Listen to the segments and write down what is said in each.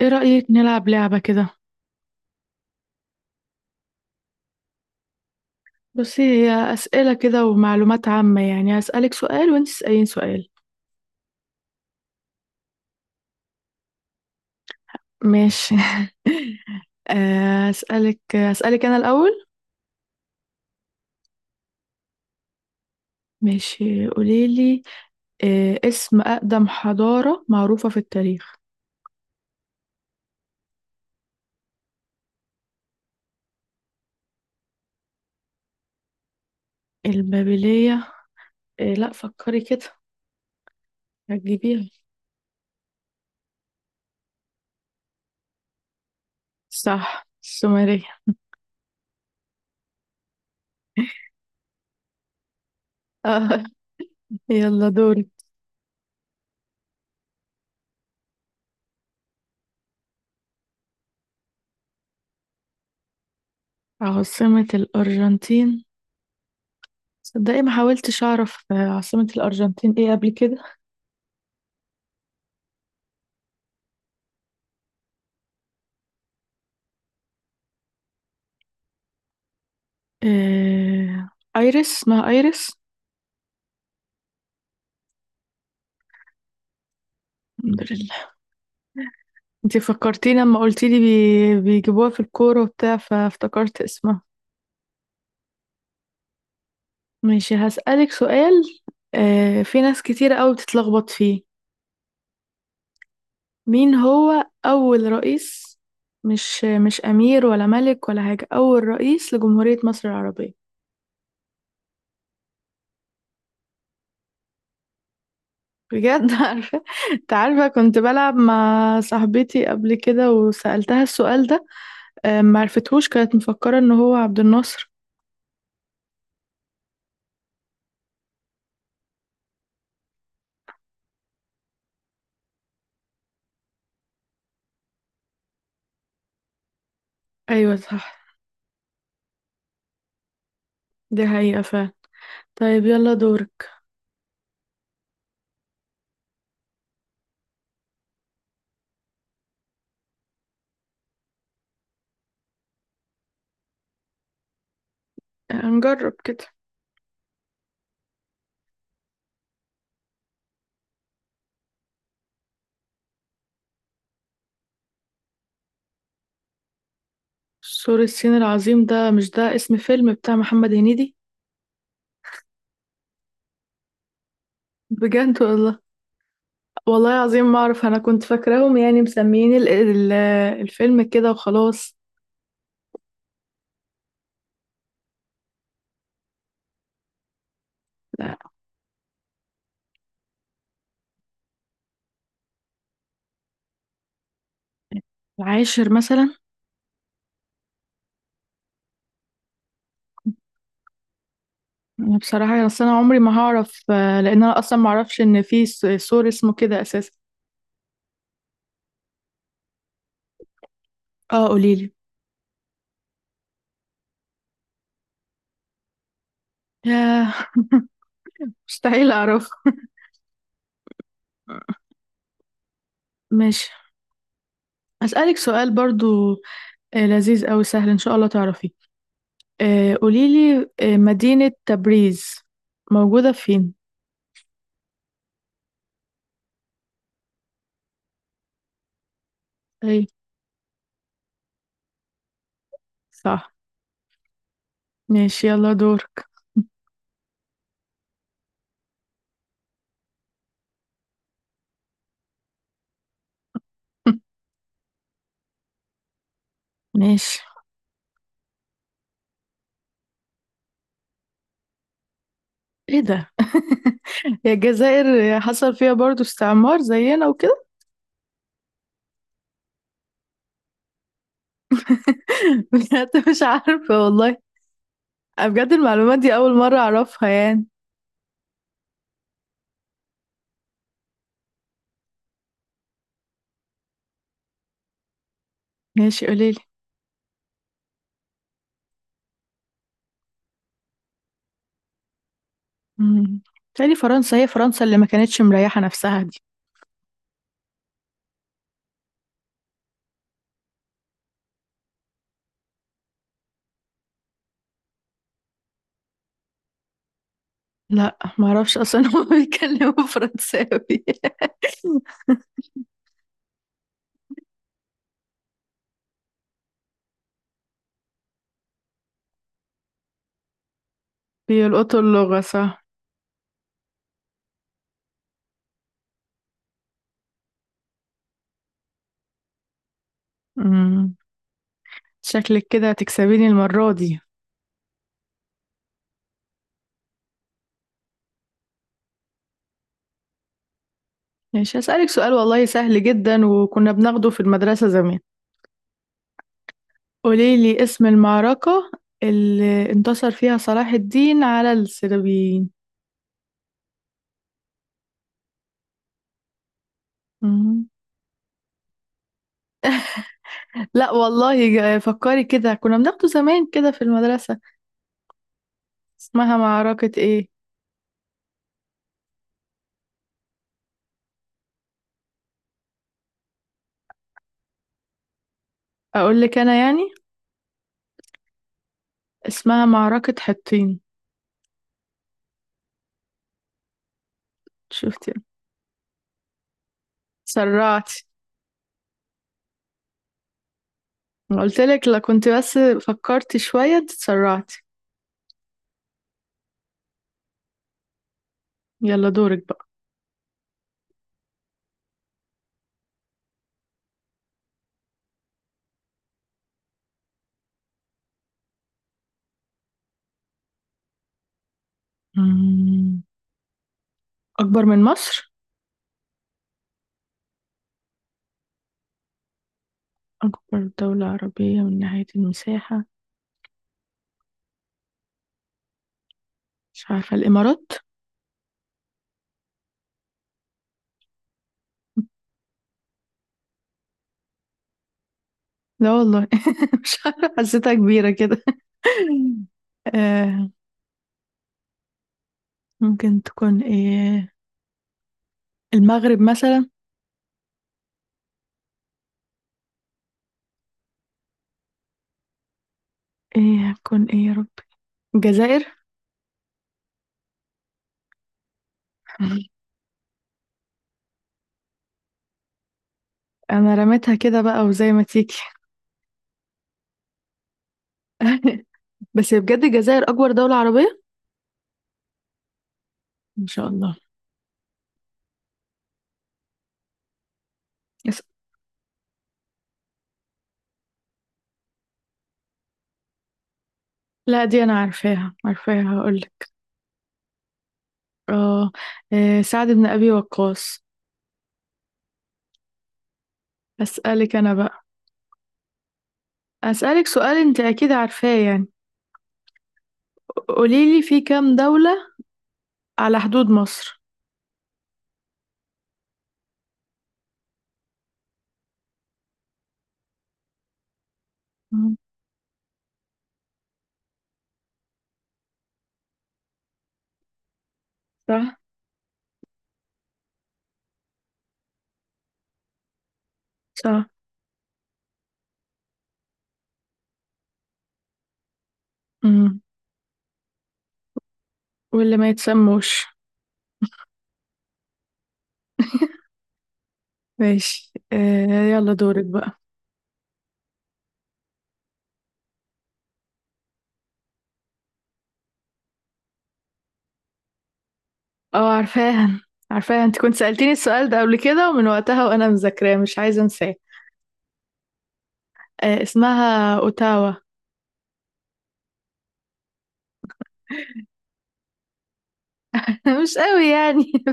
ايه رأيك نلعب لعبة كده؟ بصي، هي أسئلة كده ومعلومات عامة، يعني هسألك سؤال وانت تسألين سؤال. ماشي. آه، أسألك أسألك أنا الأول. ماشي، قوليلي. اسم أقدم حضارة معروفة في التاريخ؟ البابلية. لأ، فكري كده. هتجيبيها. صح، السومرية. آه. يلا دوري. عاصمة الأرجنتين. صدقي، ما حاولتش أعرف عاصمة الأرجنتين ايه قبل كده. آه... ايريس، اسمها ايريس. الحمد لله. انتي فكرتيني لما قلتيلي بيجيبوها في الكورة وبتاع، فافتكرت اسمها. ماشي، هسألك سؤال. في ناس كتيرة قوي بتتلخبط فيه. مين هو أول رئيس، مش أمير ولا ملك ولا حاجة، أول رئيس لجمهورية مصر العربية؟ بجد؟ عارفة. انت عارفة، كنت بلعب مع صاحبتي قبل كده وسألتها السؤال ده. معرفتهوش، كانت مفكرة ان هو عبد الناصر. ايوه، صح. دي حقيقة فعلا. طيب، يلا دورك. هنجرب كده. سور الصين العظيم ده، مش ده اسم فيلم بتاع محمد هنيدي؟ بجد والله؟ والله العظيم ما اعرف، انا كنت فاكراهم يعني مسميين الفيلم كده وخلاص. لا. العاشر مثلا. انا بصراحة، اصل انا عمري ما هعرف، لان انا اصلا ما اعرفش ان في سور اسمه كده اساسا. اه، قوليلي. ياه، مستحيل اعرف. ماشي، اسألك سؤال برضو. لذيذ أوي، سهل ان شاء الله تعرفيه. قوليلي. مدينة تبريز موجودة فين؟ اي. صح. ماشي، يلا دورك. ماشي. ايه ده؟ هي الجزائر حصل فيها برضو استعمار زينا وكده؟ بجد مش عارفة والله. أنا بجد المعلومات دي أول مرة أعرفها يعني. ماشي، قوليلي. مم. تاني، فرنسا. هي فرنسا اللي ما كانتش مريحة نفسها دي. لا ما اعرفش اصلا هم بيتكلموا فرنساوي. بيلقطوا اللغة، صح. مم. شكلك كده هتكسبيني المرة دي. ماشي، هسألك سؤال والله سهل جدا وكنا بناخده في المدرسة زمان. قوليلي اسم المعركة اللي انتصر فيها صلاح الدين على الصليبيين. مم. لا والله، فكري كده، كنا بناخده زمان كده في المدرسة. اسمها معركة ايه؟ اقولك انا يعني. اسمها معركة حطين. شفتي؟ تسرعتي. قلتلك لو كنت بس فكرتي شوية. تسرعتي. يلا دورك بقى. مم. أكبر من مصر؟ أكبر دولة عربية من ناحية المساحة. مش عارفة، الإمارات؟ لا والله. مش عارفة، حسيتها كبيرة كده. آه. ممكن تكون إيه؟ المغرب مثلا؟ إيه هتكون إيه يا رب؟ الجزائر. أنا رميتها كده بقى وزي ما تيجي. بس بجد الجزائر أكبر دولة عربية، إن شاء الله. يس. لا، دي أنا عارفاها عارفاها، هقولك. آه. سعد بن أبي وقاص. أسألك أنا بقى. أسألك سؤال أنت أكيد عارفاه يعني. قوليلي، في كام دولة على حدود مصر؟ مم. صح. صح. مم. واللي ما يتسموش. ماشي، آه. يلا دورك بقى. اه، عارفاها عارفاها، انت كنت سألتيني السؤال ده قبل كده ومن وقتها وانا مذاكراه مش عايزة انساه. آه، اسمها اوتاوا. مش قوي يعني.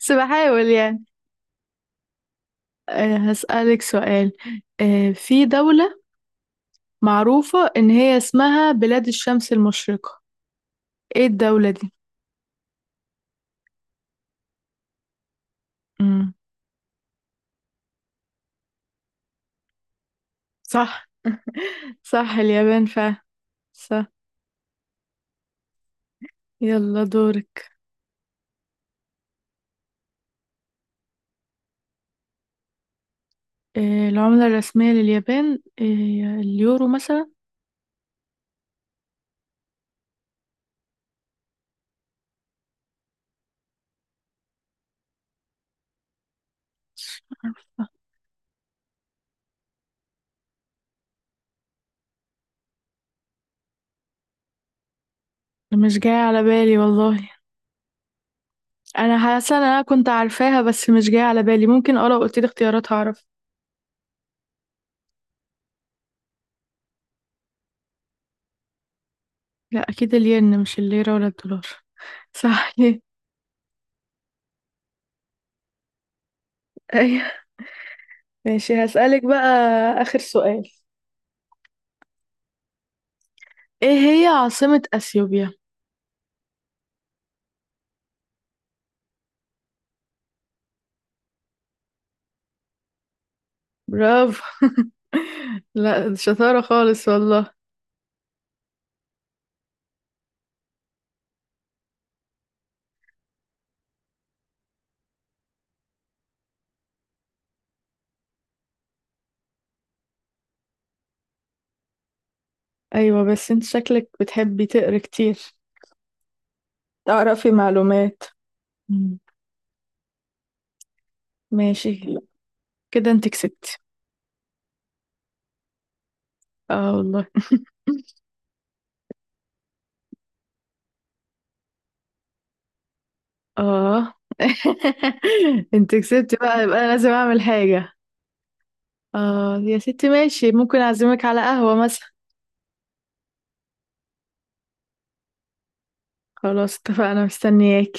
بس بحاول يعني. هسألك سؤال. في دولة معروفة ان هي اسمها بلاد الشمس المشرقة. ايه الدولة دي؟ مم. صح. صح اليابان فعلا. صح. يلا دورك. إيه العملة الرسمية لليابان؟ إيه، اليورو مثلا؟ مش عارفة، مش جاية على بالي والله. أنا حاسة إن أنا كنت عارفاها بس مش جاية على بالي، ممكن أقرأ قلت لي اختيارات هعرف. لا، أكيد الين مش الليرة ولا الدولار. صح ليه. أيوه، ماشي، هسألك بقى آخر سؤال. إيه هي عاصمة أثيوبيا؟ برافو. لا، شطارة خالص والله. أيوة بس أنت شكلك بتحبي تقري كتير، تعرفي معلومات. مم. ماشي، كده انت كسبت. اه والله. اه. انت كسبت بقى يبقى انا لازم اعمل حاجة. اه يا ستي، ماشي، ممكن اعزمك على قهوة مثلا. خلاص، اتفقنا، مستنياك.